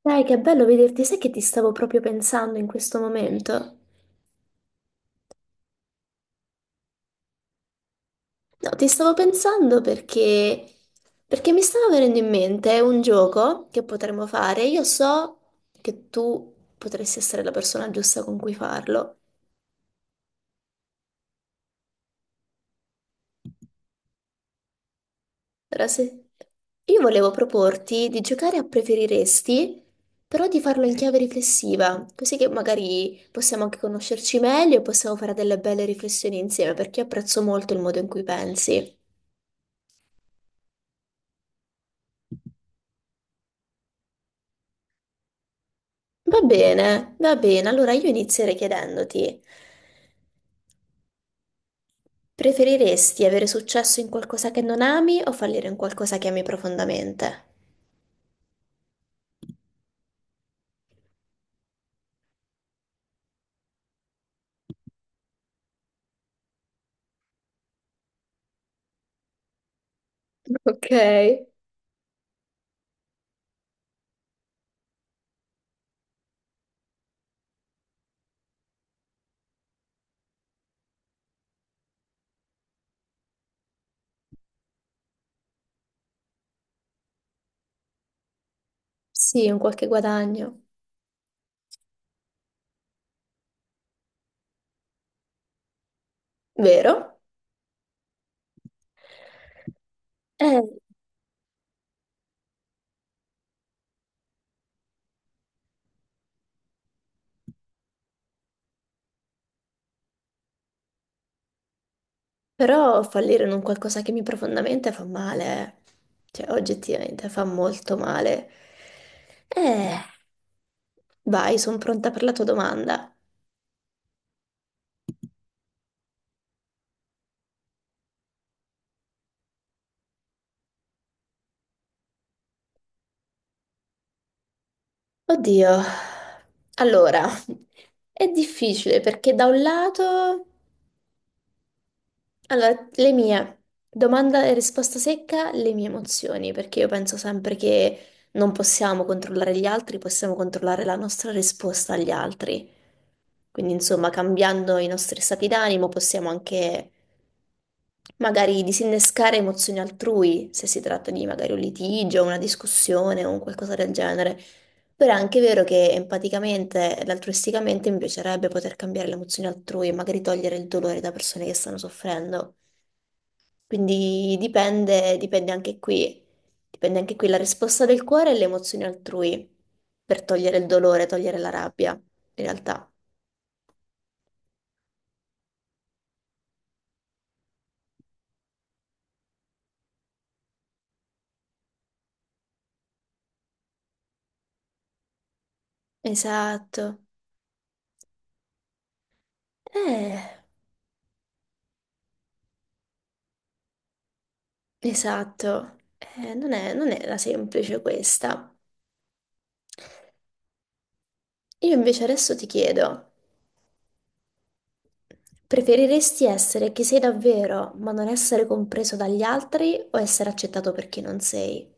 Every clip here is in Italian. Dai, che bello vederti, sai che ti stavo proprio pensando in questo momento? No, ti stavo pensando perché mi stava venendo in mente un gioco che potremmo fare. Io so che tu potresti essere la persona giusta con cui farlo. Allora, se... Io volevo proporti di giocare a preferiresti, però di farlo in chiave riflessiva, così che magari possiamo anche conoscerci meglio e possiamo fare delle belle riflessioni insieme, perché io apprezzo molto il modo in cui pensi. Va bene, va bene. Allora io inizierei chiedendoti, preferiresti avere successo in qualcosa che non ami o fallire in qualcosa che ami profondamente? Ok. Sì, un qualche guadagno, vero? Eh, però fallire in un qualcosa che mi profondamente fa male, eh. Cioè oggettivamente fa molto male. Eh, vai, sono pronta per la tua domanda. Oddio, allora, è difficile perché da un lato Allora, le mie domanda e risposta secca, le mie emozioni, perché io penso sempre che non possiamo controllare gli altri, possiamo controllare la nostra risposta agli altri. Quindi, insomma, cambiando i nostri stati d'animo possiamo anche magari disinnescare emozioni altrui, se si tratta di magari un litigio, una discussione o un qualcosa del genere. Però è anche vero che empaticamente ed altruisticamente mi piacerebbe poter cambiare le emozioni altrui e magari togliere il dolore da persone che stanno soffrendo. Quindi dipende, dipende anche qui la risposta del cuore e le emozioni altrui per togliere il dolore, togliere la rabbia, in realtà. Esatto, eh, esatto, eh, non è, non era semplice questa. Io invece adesso ti chiedo, preferiresti essere chi sei davvero, ma non essere compreso dagli altri o essere accettato per chi non sei?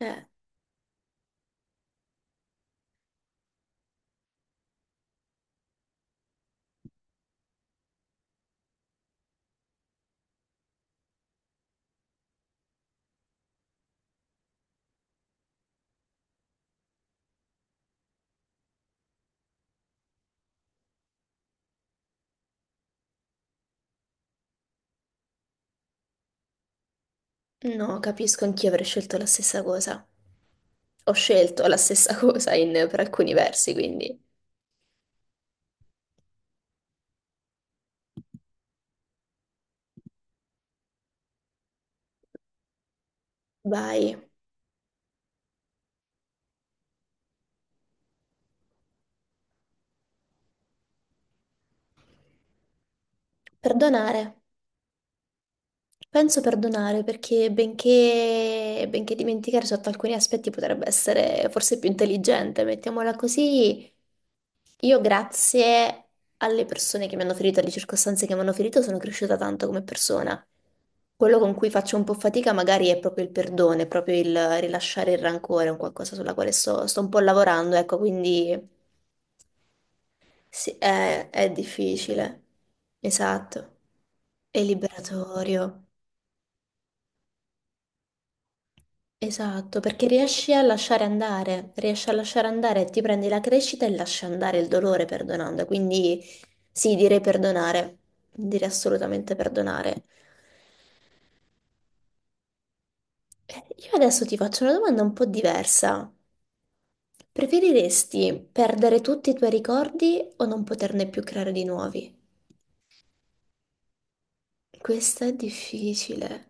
Eh. No, capisco, anch'io avrei scelto la stessa cosa. Ho scelto la stessa cosa per alcuni versi, quindi vai. Perdonare. Penso perdonare perché benché dimenticare sotto alcuni aspetti potrebbe essere forse più intelligente, mettiamola così, io grazie alle persone che mi hanno ferito, alle circostanze che mi hanno ferito, sono cresciuta tanto come persona. Quello con cui faccio un po' fatica magari è proprio il perdono, è proprio il rilasciare il rancore, è un qualcosa sulla quale sto un po' lavorando, ecco, quindi sì, è difficile. Esatto. È liberatorio. Esatto, perché riesci a lasciare andare, riesci a lasciare andare, ti prendi la crescita e lasci andare il dolore perdonando. Quindi sì, direi perdonare, direi assolutamente perdonare. Eh, Io adesso ti faccio una domanda un po' diversa. Preferiresti perdere tutti i tuoi ricordi o non poterne più creare di nuovi? Questa è difficile.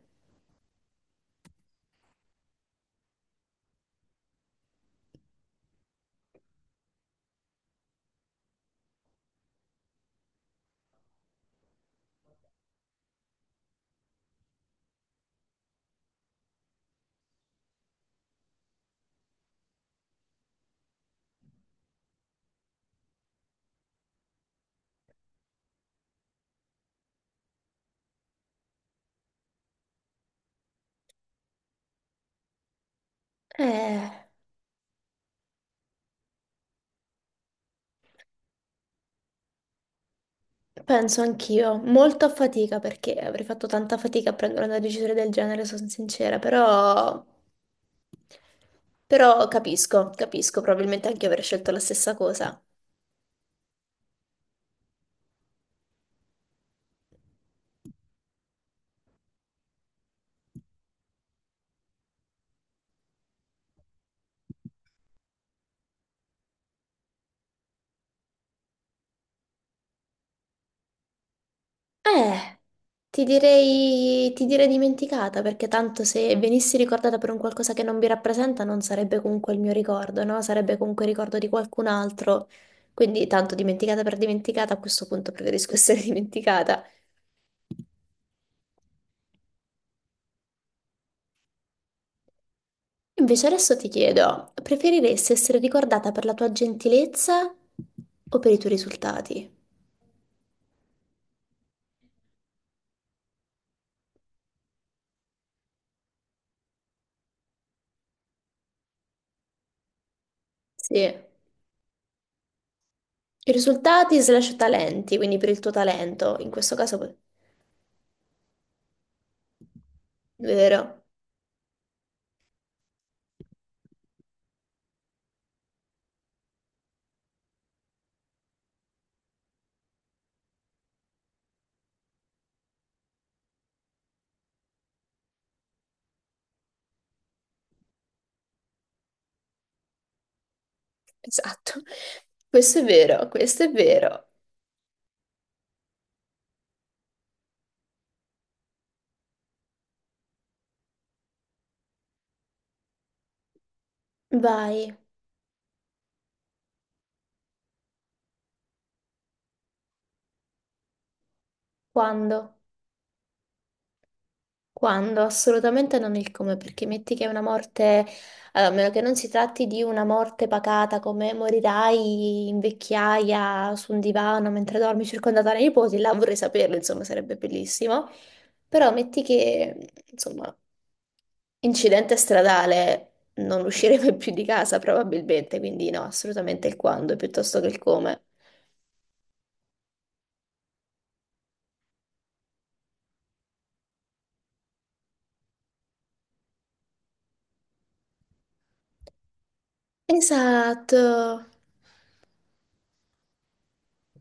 Eh. Penso anch'io, molto a fatica perché avrei fatto tanta fatica a prendere una decisione del genere, sono sincera, però, però capisco, capisco, probabilmente anche io avrei scelto la stessa cosa. Eh, ti direi dimenticata perché tanto se venissi ricordata per un qualcosa che non mi rappresenta non sarebbe comunque il mio ricordo, no? Sarebbe comunque il ricordo di qualcun altro, quindi tanto dimenticata per dimenticata, a questo punto preferisco essere dimenticata. Invece adesso ti chiedo, preferiresti essere ricordata per la tua gentilezza o per i tuoi risultati? Sì, i risultati/talenti, quindi per il tuo talento, in questo caso, è vero, esatto, questo è vero, questo è vero. Vai, quando? Quando? Assolutamente non il come, perché metti che è una morte, allora, a meno che non si tratti di una morte pacata come morirai in vecchiaia su un divano mentre dormi circondata dai nipoti, là vorrei saperlo, insomma, sarebbe bellissimo. Però metti che, insomma, incidente stradale, non usciremo più di casa probabilmente, quindi no, assolutamente il quando piuttosto che il come. Esatto.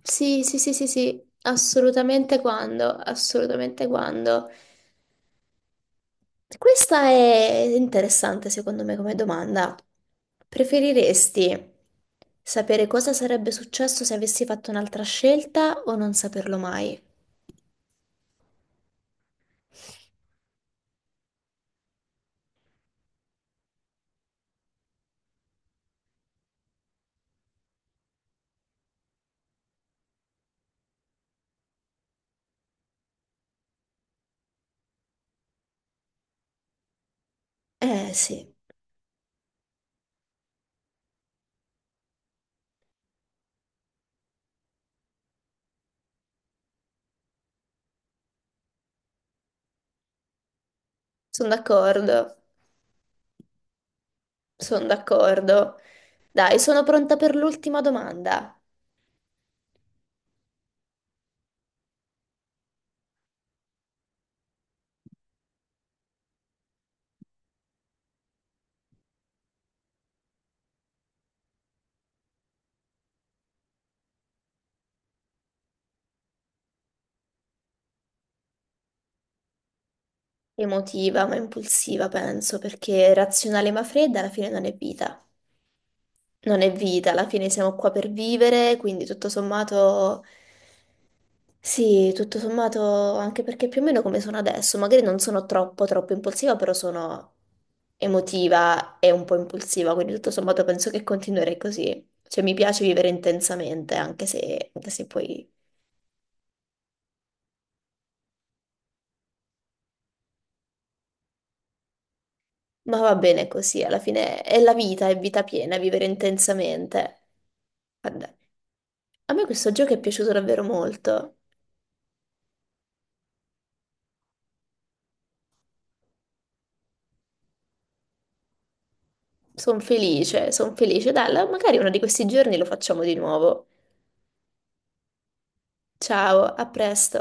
Sì, sì, sì, sì, sì, assolutamente quando, assolutamente quando. Questa è interessante secondo me come domanda. Preferiresti sapere cosa sarebbe successo se avessi fatto un'altra scelta o non saperlo mai? Eh sì, sono d'accordo, sono d'accordo. Dai, sono pronta per l'ultima domanda. Emotiva ma impulsiva, penso, perché razionale ma fredda alla fine non è vita. Non è vita, alla fine siamo qua per vivere, quindi tutto sommato... Sì, tutto sommato, anche perché più o meno come sono adesso, magari non sono troppo troppo impulsiva, però sono emotiva e un po' impulsiva, quindi tutto sommato penso che continuerei così. Cioè mi piace vivere intensamente, anche se poi... Ma va bene così, alla fine è la vita, è vita piena, vivere intensamente. Guarda, a me questo gioco è piaciuto davvero molto. Sono felice, sono felice. Dai, magari uno di questi giorni lo facciamo di nuovo. Ciao, a presto.